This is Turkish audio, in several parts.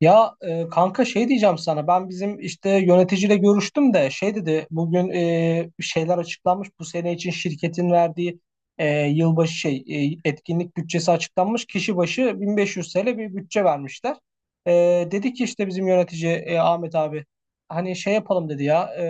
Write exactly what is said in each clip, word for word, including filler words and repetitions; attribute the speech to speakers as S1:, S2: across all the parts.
S1: Ya, e, kanka şey diyeceğim sana. Ben bizim işte yöneticiyle görüştüm de şey dedi bugün. E, bir şeyler açıklanmış bu sene için şirketin verdiği e, yılbaşı şey e, etkinlik bütçesi açıklanmış. Kişi başı bin beş yüz T L bir bütçe vermişler. E, Dedi ki işte bizim yönetici e, Ahmet abi hani şey yapalım dedi ya, e,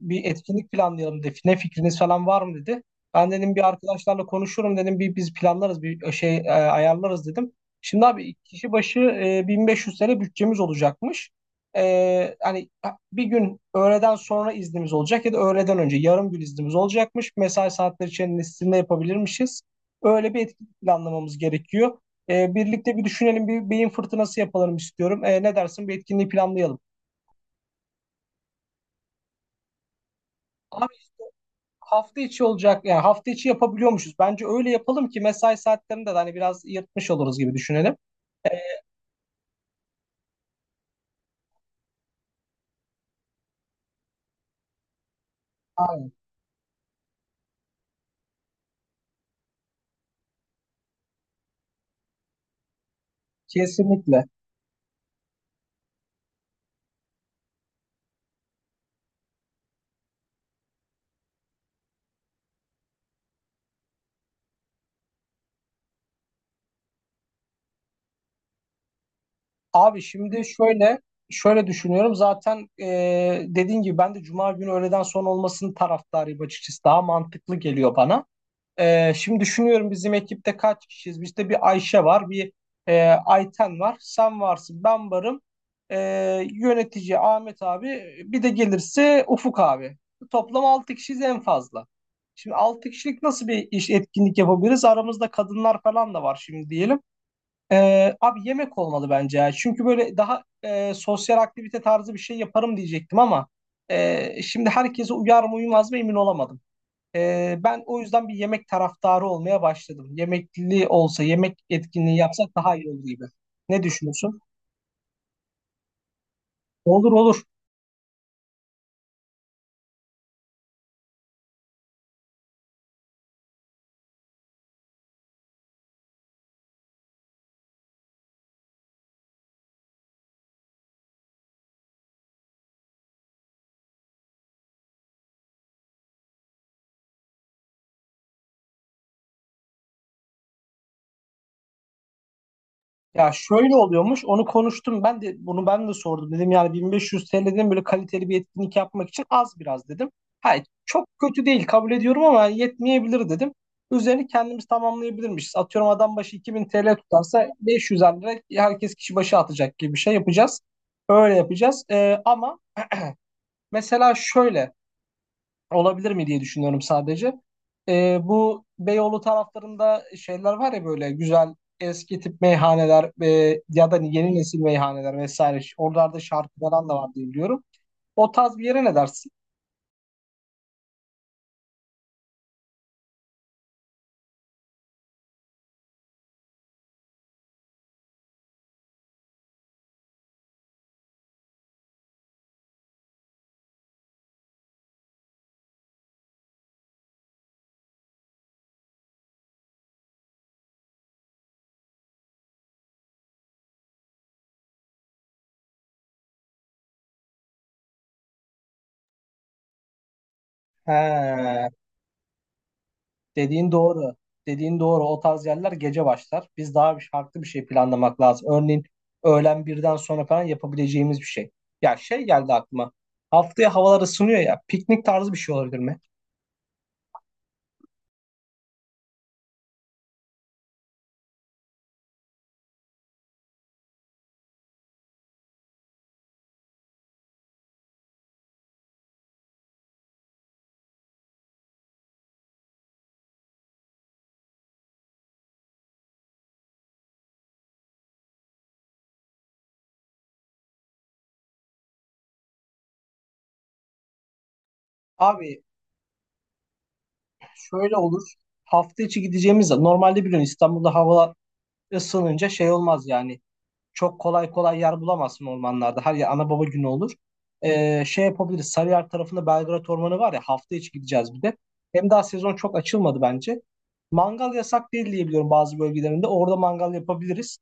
S1: bir etkinlik planlayalım dedi. Ne fikriniz falan var mı dedi? Ben dedim bir arkadaşlarla konuşurum dedim, bir biz planlarız, bir e, şey e, ayarlarız dedim. Şimdi abi kişi başı e, bin beş yüz lira bütçemiz olacakmış. E, hani bir gün öğleden sonra iznimiz olacak ya da öğleden önce yarım gün iznimiz olacakmış. Mesai saatleri içerisinde yapabilirmişiz. Öyle bir etkinlik planlamamız gerekiyor. E, birlikte bir düşünelim, bir beyin fırtınası yapalım istiyorum. E, ne dersin, bir etkinliği planlayalım. Abi hafta içi olacak, yani hafta içi yapabiliyormuşuz. Bence öyle yapalım ki mesai saatlerinde de hani biraz yırtmış oluruz gibi düşünelim. Abi, kesinlikle. Abi şimdi şöyle şöyle düşünüyorum. Zaten e, dediğin gibi ben de Cuma günü öğleden sonra olmasının taraftarıyım, açıkçası. Daha mantıklı geliyor bana. E, şimdi düşünüyorum, bizim ekipte kaç kişiyiz? Bizde bir Ayşe var, bir e, Ayten var, sen varsın, ben varım. E, Yönetici Ahmet abi, bir de gelirse Ufuk abi. Toplam altı kişiyiz en fazla. Şimdi altı kişilik nasıl bir iş etkinlik yapabiliriz? Aramızda kadınlar falan da var şimdi diyelim. Ee, abi yemek olmalı bence ya. Çünkü böyle daha e, sosyal aktivite tarzı bir şey yaparım diyecektim ama e, şimdi herkese uyar mı uymaz mı emin olamadım. Ee, ben o yüzden bir yemek taraftarı olmaya başladım. Yemekli olsa, yemek etkinliği yapsak daha iyi olur gibi. Ne düşünüyorsun? Olur olur. Ya şöyle oluyormuş. Onu konuştum. Ben de bunu ben de sordum. Dedim yani bin beş yüz T L'den böyle kaliteli bir etkinlik yapmak için az biraz dedim. Hayır, çok kötü değil, kabul ediyorum ama yani yetmeyebilir dedim. Üzerini kendimiz tamamlayabilirmişiz. Atıyorum adam başı iki bin lira tutarsa beş yüz lira herkes kişi başı atacak gibi bir şey yapacağız. Öyle yapacağız. Ee, ama mesela şöyle olabilir mi diye düşünüyorum sadece. Ee, bu Beyoğlu taraflarında şeyler var ya, böyle güzel eski tip meyhaneler e, ya da yeni nesil meyhaneler vesaire. Oralarda şarkı falan da var diye biliyorum. O tarz bir yere ne dersin? He, dediğin doğru. Dediğin doğru. O tarz yerler gece başlar. Biz daha bir farklı bir şey planlamak lazım. Örneğin öğlen birden sonra falan yapabileceğimiz bir şey. Ya şey geldi aklıma. Haftaya havalar ısınıyor ya. Piknik tarzı bir şey olabilir mi? Abi, şöyle olur. Hafta içi gideceğimiz normalde biliyorsun İstanbul'da hava ısınınca şey olmaz yani. Çok kolay kolay yer bulamazsın ormanlarda. Her yer ana baba günü olur. Ee, şey yapabiliriz. Sarıyer tarafında Belgrad Ormanı var ya, hafta içi gideceğiz bir de. Hem daha sezon çok açılmadı bence. Mangal yasak değil diye biliyorum bazı bölgelerinde. Orada mangal yapabiliriz.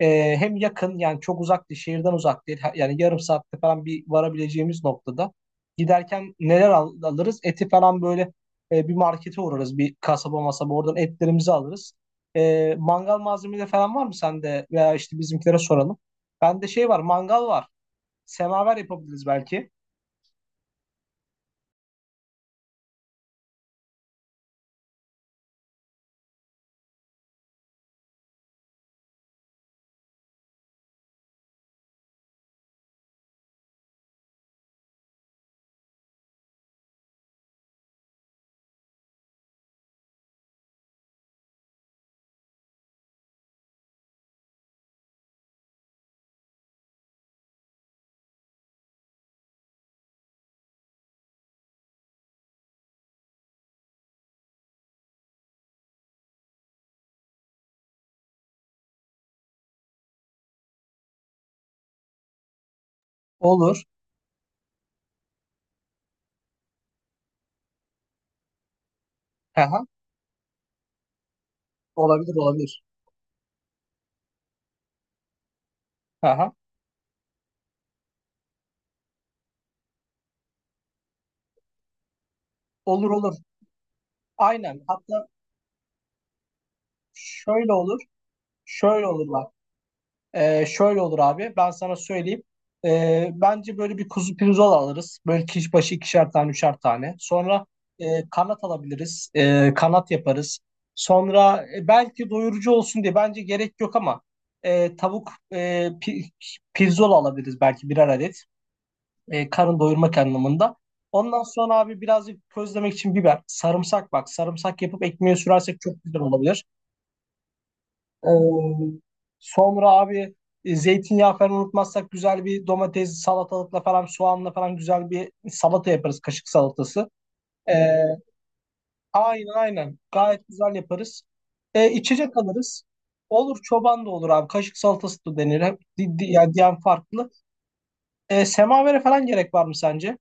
S1: Ee, hem yakın, yani çok uzak değil, şehirden uzak değil. Ha- Yani yarım saatte falan bir varabileceğimiz noktada. Giderken neler al- alırız? Eti falan böyle e, bir markete uğrarız, bir kasaba masaba oradan etlerimizi alırız. Ee, mangal malzemeleri falan var mı sende? Veya işte bizimkilere soralım. Bende şey var, mangal var. Semaver yapabiliriz belki. Olur. Aha. Olabilir, olabilir. Aha. Olur olur. Aynen. Hatta şöyle olur. Şöyle olur bak. Ee, şöyle olur abi. Ben sana söyleyeyim. Ee, bence böyle bir kuzu pirzola alırız. Böyle kişi başı ikişer tane, üçer tane. Sonra e, kanat alabiliriz. Ee, kanat yaparız. Sonra e, belki doyurucu olsun diye bence gerek yok ama e, tavuk e, pi- pirzola alabiliriz belki birer adet. E, karın doyurmak anlamında. Ondan sonra abi birazcık közlemek için biber, sarımsak bak. Sarımsak yapıp ekmeğe sürersek çok güzel olabilir. Ee, Sonra abi e, zeytinyağı falan unutmazsak güzel bir domates salatalıkla falan soğanla falan güzel bir salata yaparız, kaşık salatası. Ee, aynen aynen gayet güzel yaparız. Ee, içecek alırız. Olur, çoban da olur abi, kaşık salatası da denir. Hep, di, di- yani diyen farklı. Ee, semavere falan gerek var mı sence?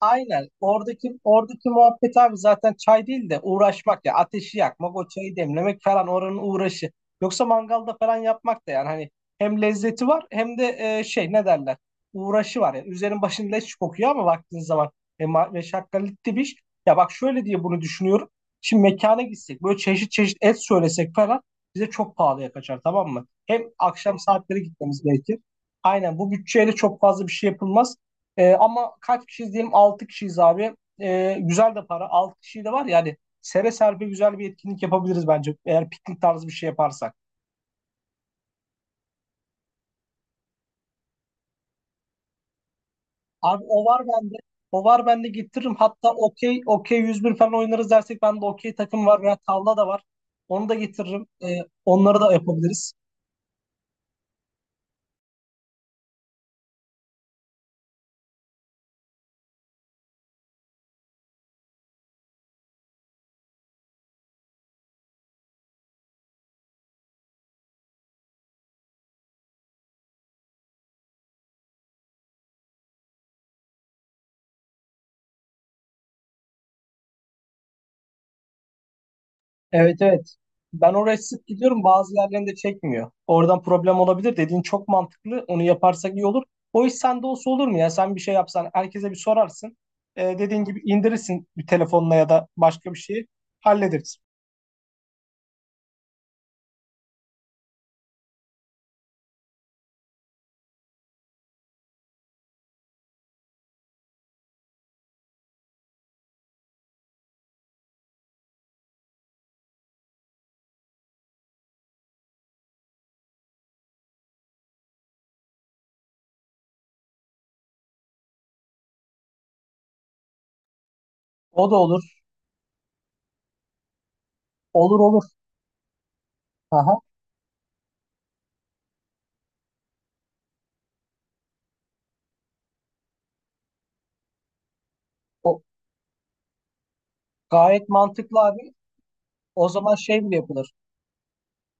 S1: Aynen. Oradaki oradaki muhabbet abi zaten çay değil de uğraşmak ya. Ateşi yakmak, o çayı demlemek falan oranın uğraşı. Yoksa mangalda falan yapmak da, yani hani hem lezzeti var hem de e, şey, ne derler? Uğraşı var yani. Üzerin başın leş kokuyor ama baktığın zaman e, ma- meşakkatli bir iş. Ya bak şöyle diye bunu düşünüyorum. Şimdi mekana gitsek böyle çeşit çeşit et söylesek falan bize çok pahalıya kaçar, tamam mı? Hem akşam saatleri gitmemiz gerekir. Aynen, bu bütçeyle çok fazla bir şey yapılmaz. Ee, ama kaç kişiyiz diyeyim, altı kişiyiz abi. Ee, güzel de para. altı kişi de var yani. Sere serpe güzel bir etkinlik yapabiliriz bence, eğer piknik tarzı bir şey yaparsak. Abi o var bende. O var bende, getiririm. Hatta okey, okey yüz bir falan oynarız dersek bende okey takım var veya tavla da var. Onu da getiririm. Ee, onları da yapabiliriz. Evet evet. Ben oraya sık gidiyorum. Bazı yerlerinde çekmiyor. Oradan problem olabilir. Dediğin çok mantıklı. Onu yaparsak iyi olur. O iş sende olsa olur mu ya? Sen bir şey yapsan herkese bir sorarsın. Ee, dediğin gibi indirirsin bir telefonla ya da başka bir şeyi hallederiz. O da olur. Olur olur. Aha. O gayet mantıklı abi. O zaman şey bile yapılır,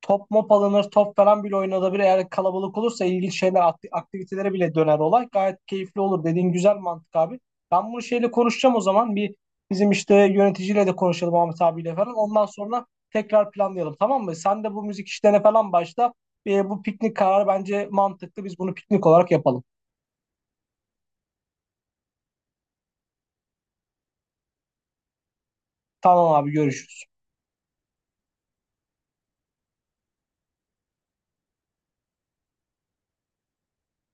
S1: top mop alınır, top falan bile oynanabilir. Eğer kalabalık olursa ilginç şeyler, aktivitelere bile döner olay. Gayet keyifli olur. Dediğin güzel mantık abi. Ben bunu şeyle konuşacağım o zaman. Bir bizim işte yöneticiyle de konuşalım, Ahmet abiyle falan. Ondan sonra tekrar planlayalım, tamam mı? Sen de bu müzik işlerine falan başla. Ee, bu piknik kararı bence mantıklı. Biz bunu piknik olarak yapalım. Tamam abi, görüşürüz.